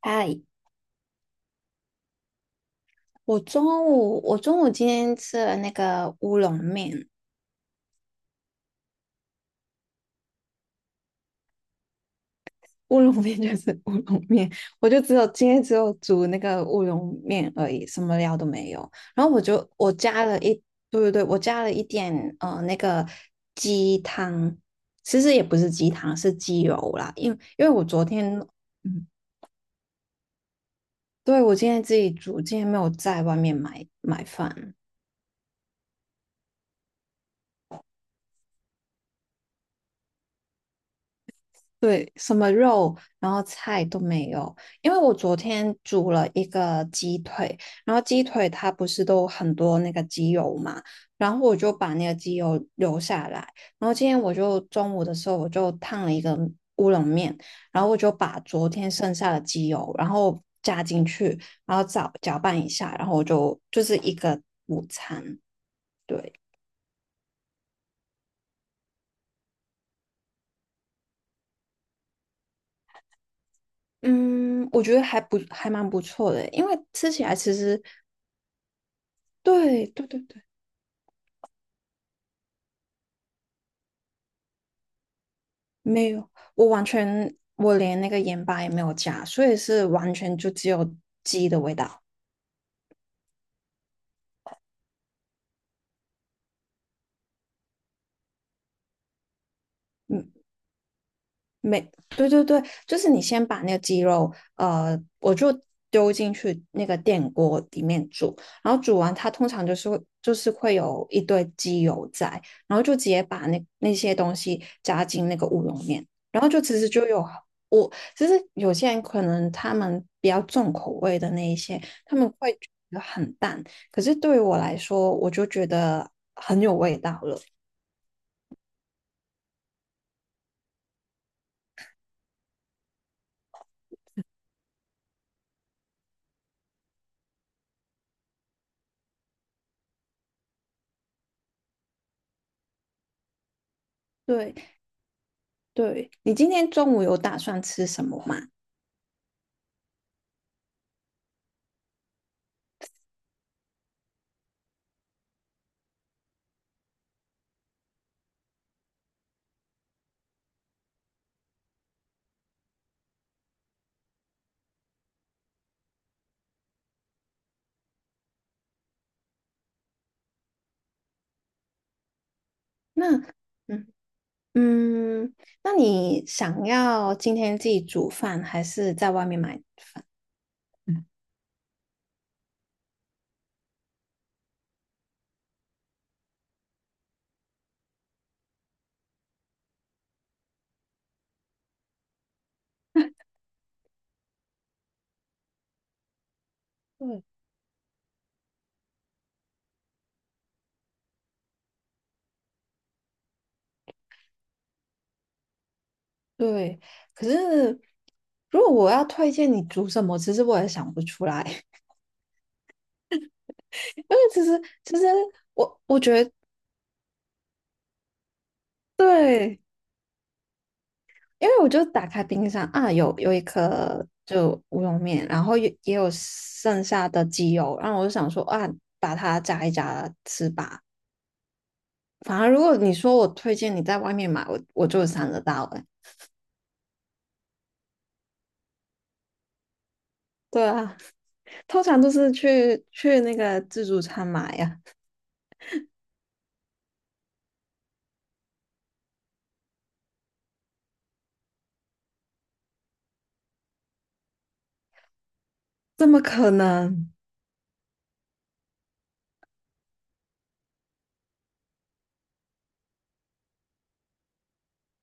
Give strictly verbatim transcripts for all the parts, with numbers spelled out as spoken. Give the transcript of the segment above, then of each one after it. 嗨，我中午我中午今天吃了那个乌龙面，乌龙面 就是乌龙面，我就只有今天只有煮那个乌龙面而已，什么料都没有。然后我就我加了一，对对对，我加了一点呃那个鸡汤，其实也不是鸡汤，是鸡油啦，因为因为我昨天，嗯，对，我今天自己煮，今天没有在外面买买饭。对，什么肉，然后菜都没有，因为我昨天煮了一个鸡腿，然后鸡腿它不是都很多那个鸡油嘛，然后我就把那个鸡油留下来，然后今天我就中午的时候我就烫了一个乌龙面，然后我就把昨天剩下的鸡油，然后加进去，然后搅搅拌一下，然后我就就是一个午餐，对。嗯，我觉得还不还蛮不错的，因为吃起来其实，对对对对。没有，我完全我连那个盐巴也没有加，所以是完全就只有鸡的味道。嗯，对对对，就是你先把那个鸡肉，呃，我就丢进去那个电锅里面煮，然后煮完它通常就是会就是会有一堆鸡油在，然后就直接把那那些东西加进那个乌龙面，然后就其实就有，我其实有些人可能他们比较重口味的那一些，他们会觉得很淡，可是对于我来说，我就觉得很有味道了。对对，你今天中午有打算吃什么吗？那嗯嗯，那你想要今天自己煮饭，还是在外面买？对对，可是如果我要推荐你煮什么，其实我也想不出来，因为其实其实我我觉得对，因为我就打开冰箱啊，有有一颗就乌龙面，然后也也有剩下的鸡油，然后我就想说啊，把它炸一加吃吧。反而如果你说我推荐你在外面买，我我就想得到哎、欸对啊。通常都是去去那个自助餐买呀，怎么可能？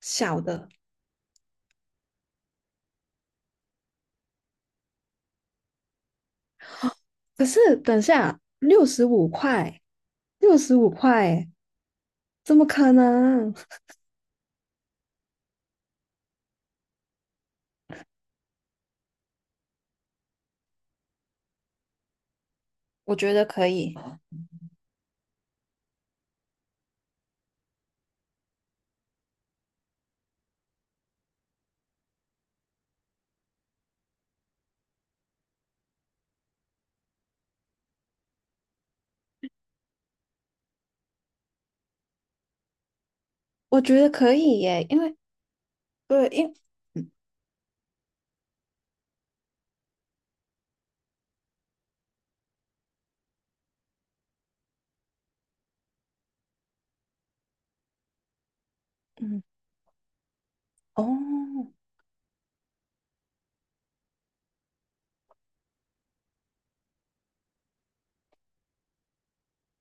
小的？可是等下六十五块，六十五块，怎么可能？我觉得可以，我觉得可以耶，因为对，因嗯哦，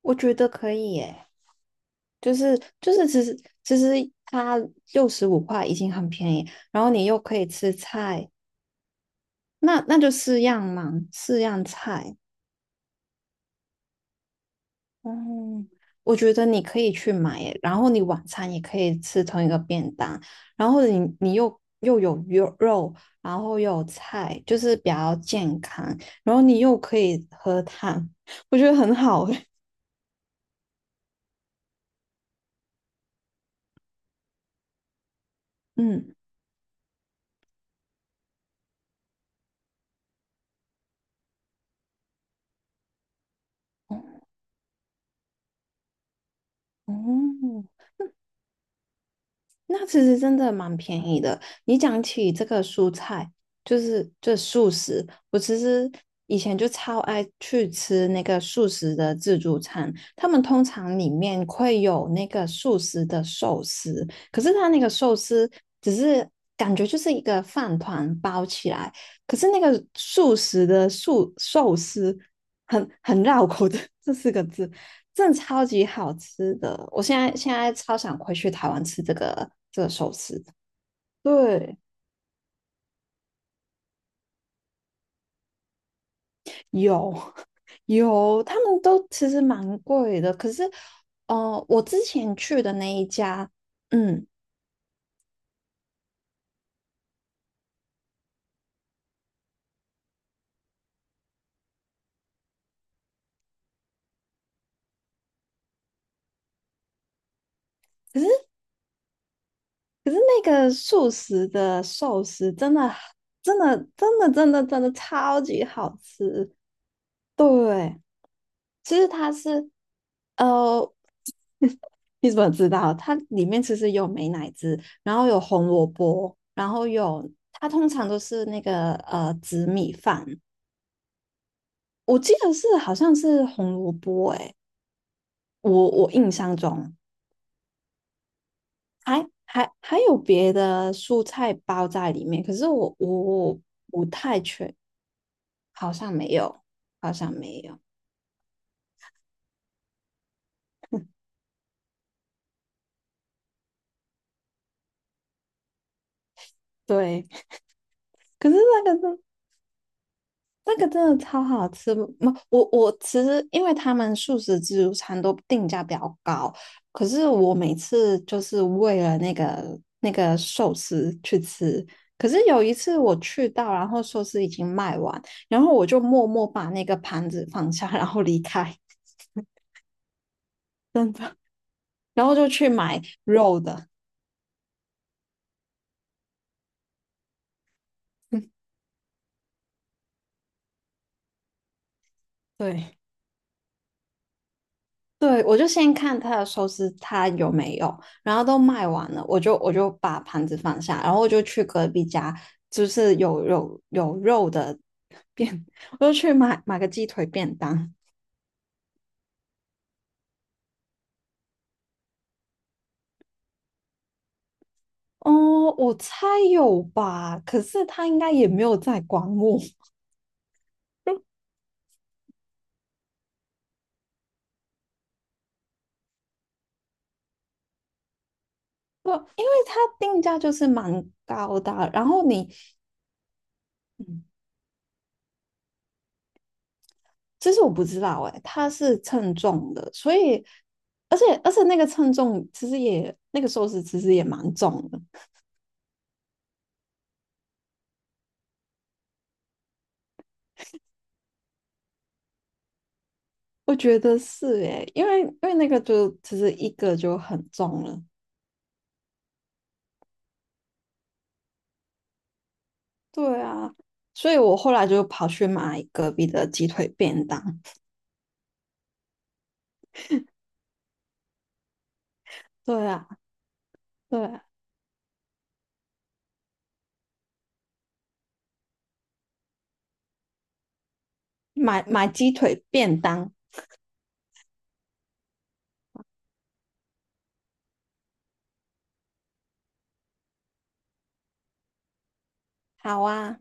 我觉得可以耶，就是就是其实其实它六十五块已经很便宜，然后你又可以吃菜，那那就四样嘛，四样菜。嗯，我觉得你可以去买耶然后你晚餐也可以吃同一个便当，然后你你又又有肉肉，然后又有菜，就是比较健康，然后你又可以喝汤，我觉得很好诶。嗯，哦，那其实真的蛮便宜的。你讲起这个蔬菜，就是这素食，我其实以前就超爱去吃那个素食的自助餐，他们通常里面会有那个素食的寿司，可是它那个寿司只是感觉就是一个饭团包起来，可是那个素食的素寿司很很绕口的这四个字，真的超级好吃的。我现在现在超想回去台湾吃这个这个寿司。对，有有，他们都其实蛮贵的，可是呃，我之前去的那一家，嗯，可是可是那个素食的寿司真的真的真的真的真的超级好吃。对，其实它是，呃，你怎么知道？它里面其实有美乃滋，然后有红萝卜，然后有它通常都是那个呃紫米饭，我记得是好像是红萝卜，诶，我我印象中还还还有别的蔬菜包在里面，可是我我我不太确，好像没有，好像没有。对，可是那个是。那个真的超好吃，嗯我我其实因为他们素食自助餐都定价比较高，可是我每次就是为了那个那个寿司去吃，可是有一次我去到，然后寿司已经卖完，然后我就默默把那个盘子放下，然后离开，真的，然后就去买肉的，对。对，我就先看他的寿司，他有没有，然后都卖完了，我就我就把盘子放下，然后我就去隔壁家，就是有有有肉的便，我就去买买个鸡腿便当。哦，我猜有吧，可是他应该也没有在管我，不，因为他定价就是蛮高的啊然后你，嗯，其实我不知道哎，他是称重的，所以，而且而且那个称重其实也那个寿司其实也蛮重的，我觉得是诶，因为因为那个就其实一个就很重了，对啊，所以我后来就跑去买隔壁的鸡腿便当，对啊，对啊，买买鸡腿便当，好啊。